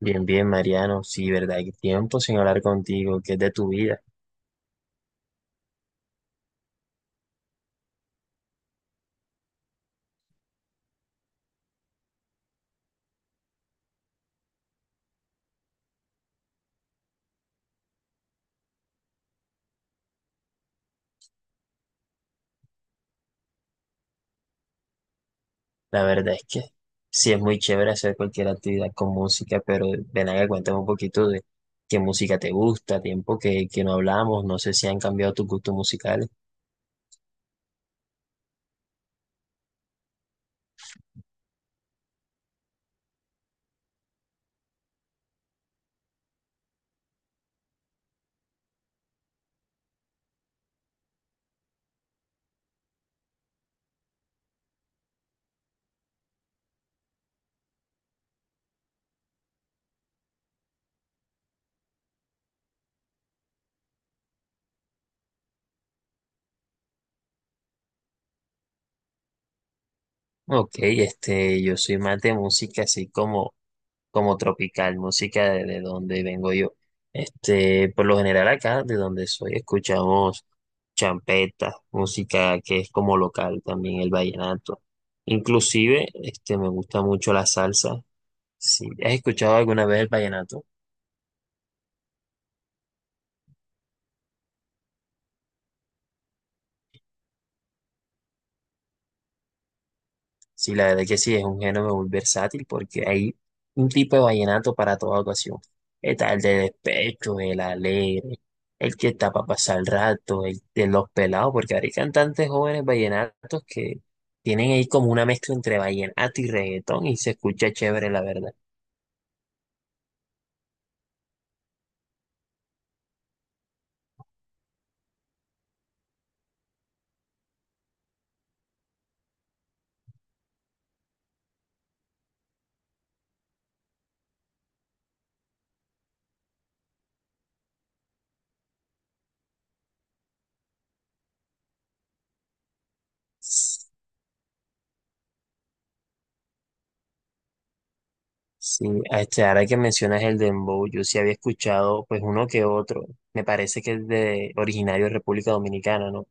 Bien, bien, Mariano. Sí, verdad, hay tiempo sin hablar contigo, que es de tu vida. La verdad es que sí es muy chévere hacer cualquier actividad con música, pero ven acá, cuéntame un poquito de qué música te gusta, tiempo que no hablamos, no sé si han cambiado tus gustos musicales. Ok, este, yo soy más de música así como tropical, música de donde vengo yo. Este, por lo general acá, de donde soy, escuchamos champeta, música que es como local también, el vallenato. Inclusive, este, me gusta mucho la salsa. Si, ¿has escuchado alguna vez el vallenato? Sí, la verdad que sí, es un género muy versátil porque hay un tipo de vallenato para toda ocasión. Está el de despecho, el alegre, el que está para pasar el rato, el de los pelados, porque ahora hay cantantes jóvenes vallenatos que tienen ahí como una mezcla entre vallenato y reggaetón y se escucha chévere, la verdad. Sí, este, ahora que mencionas el dembow, yo sí había escuchado pues uno que otro. Me parece que es de originario de República Dominicana, ¿no?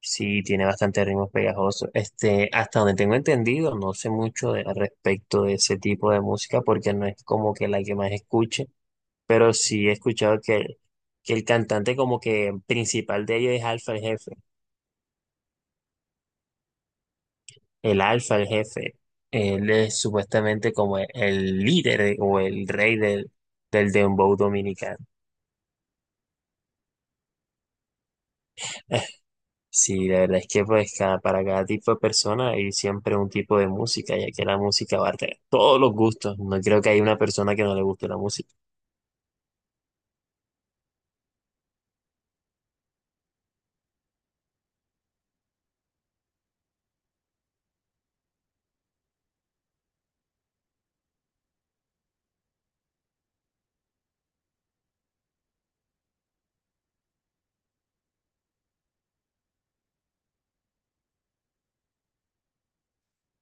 Sí, tiene bastante ritmos pegajosos. Este, hasta donde tengo entendido, no sé mucho al respecto de ese tipo de música porque no es como que la que más escuche, pero sí he escuchado que el cantante como que principal de ellos es Alfa el Jefe. El Alfa el Jefe, él es supuestamente como el líder, o el rey del dembow dominicano. Sí, la verdad es que pues cada, para cada tipo de persona hay siempre un tipo de música, ya que la música abarca todos los gustos. No creo que haya una persona que no le guste la música.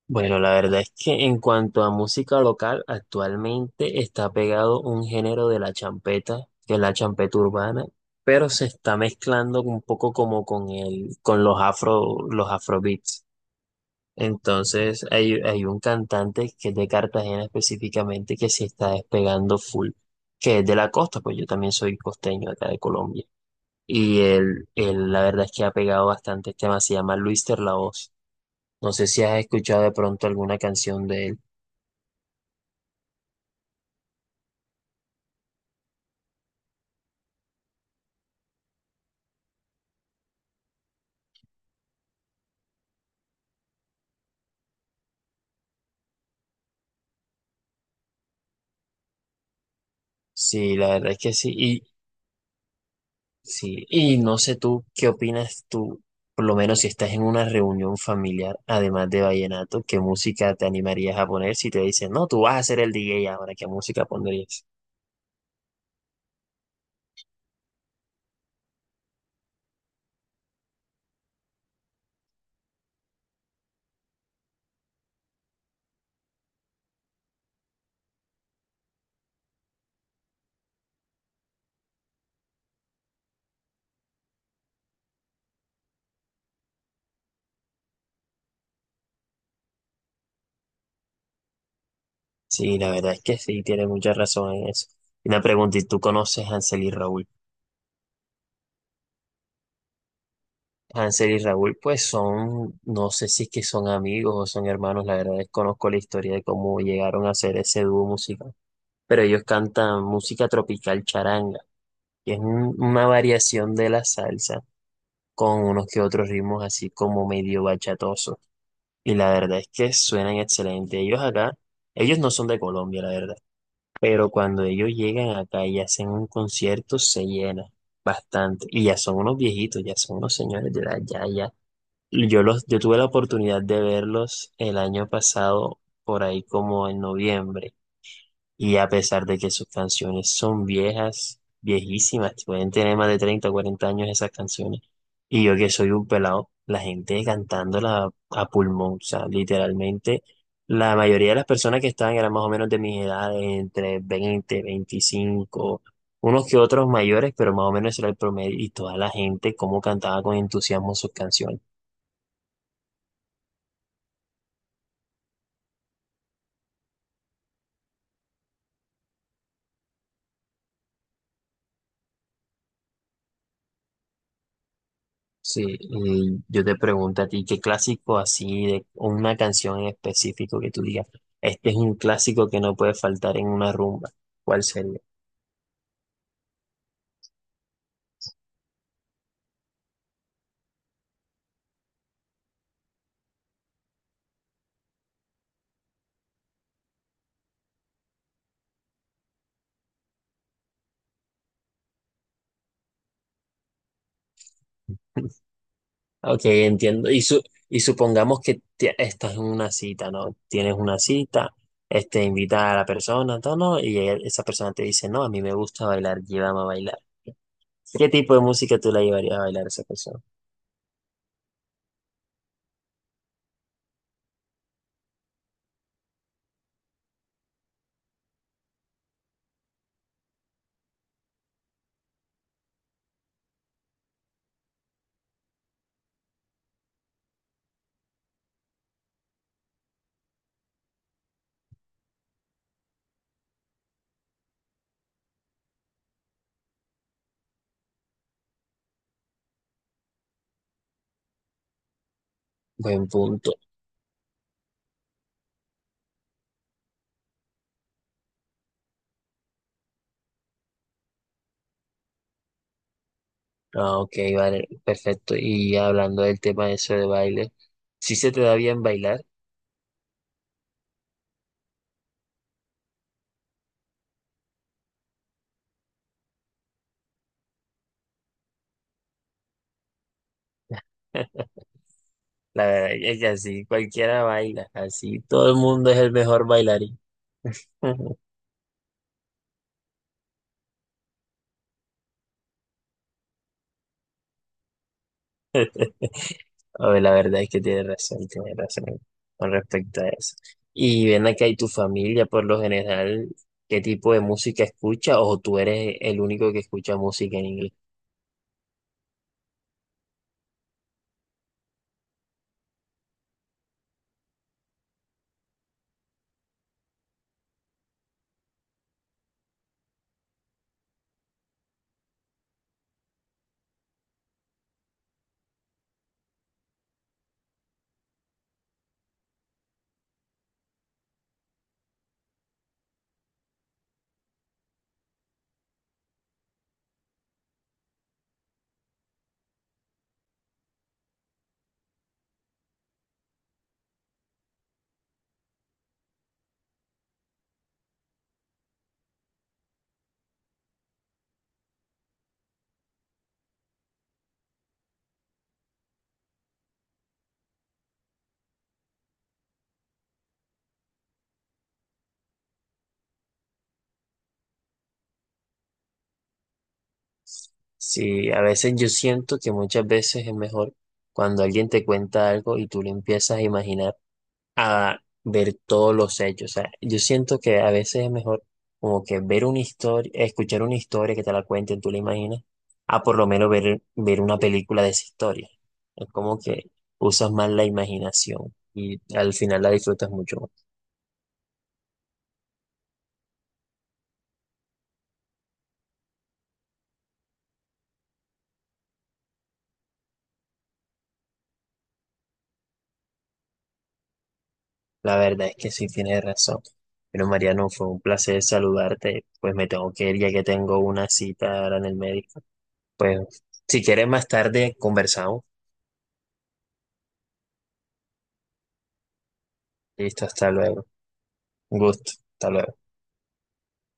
Bueno, la verdad es que en cuanto a música local, actualmente está pegado un género de la champeta, que es la champeta urbana, pero se está mezclando un poco como con el, con los afro, los afrobeats. Entonces hay un cantante que es de Cartagena específicamente que se está despegando full, que es de la costa, pues yo también soy costeño acá de Colombia. Y él la verdad es que ha pegado bastantes temas, se llama Luis Voz. No sé si has escuchado de pronto alguna canción de él. Sí, la verdad es que sí. Y, sí. Y no sé tú, ¿qué opinas tú? Por lo menos si estás en una reunión familiar, además de vallenato, ¿qué música te animarías a poner si te dicen, no, tú vas a ser el DJ ahora, ¿qué música pondrías? Sí, la verdad es que sí, tiene mucha razón en eso. Y una pregunta, ¿y tú conoces a Hansel y Raúl? Hansel y Raúl, pues son, no sé si es que son amigos o son hermanos, la verdad desconozco la historia de cómo llegaron a ser ese dúo musical. Pero ellos cantan música tropical charanga, que es una variación de la salsa con unos que otros ritmos así como medio bachatosos. Y la verdad es que suenan excelente. Ellos acá, ellos no son de Colombia, la verdad. Pero cuando ellos llegan acá y hacen un concierto, se llena bastante. Y ya son unos viejitos, ya son unos señores de edad, ya, ya. Y yo los, yo tuve la oportunidad de verlos el año pasado, por ahí como en noviembre. Y a pesar de que sus canciones son viejas, viejísimas, pueden tener más de 30, o 40 años esas canciones. Y yo que soy un pelado, la gente cantándola a pulmón, o sea, literalmente, la mayoría de las personas que estaban eran más o menos de mi edad, entre 20, 25, unos que otros mayores, pero más o menos ese era el promedio. Y toda la gente, cómo cantaba con entusiasmo sus canciones. Sí, y yo te pregunto a ti, ¿qué clásico así de o una canción en específico que tú digas? Este es un clásico que no puede faltar en una rumba. ¿Cuál sería? Ok, entiendo. Y, y supongamos que estás en una cita, ¿no? Tienes una cita, este, invita a la persona, todo, ¿no? Esa persona te dice, no, a mí me gusta bailar, llévame a bailar. ¿Qué tipo de música tú la llevarías a bailar a esa persona? Buen punto. Ah, ok, vale, perfecto. Y hablando del tema de eso de baile. Si se te da bien bailar. La verdad es que así cualquiera baila, así todo el mundo es el mejor bailarín. A ver, la verdad es que tienes razón con respecto a eso. Y ven acá, ¿y tu familia por lo general qué tipo de música escucha o tú eres el único que escucha música en inglés? Sí, a veces yo siento que muchas veces es mejor cuando alguien te cuenta algo y tú le empiezas a imaginar a ver todos los hechos. O sea, yo siento que a veces es mejor como que ver una historia, escuchar una historia que te la cuenten, tú la imaginas, a por lo menos ver una película de esa historia. Es como que usas más la imaginación y al final la disfrutas mucho más. La verdad es que sí tienes razón. Pero Mariano, fue un placer saludarte. Pues me tengo que ir ya que tengo una cita ahora en el médico. Pues si quieres más tarde conversamos. Listo, hasta luego. Un gusto. Hasta luego.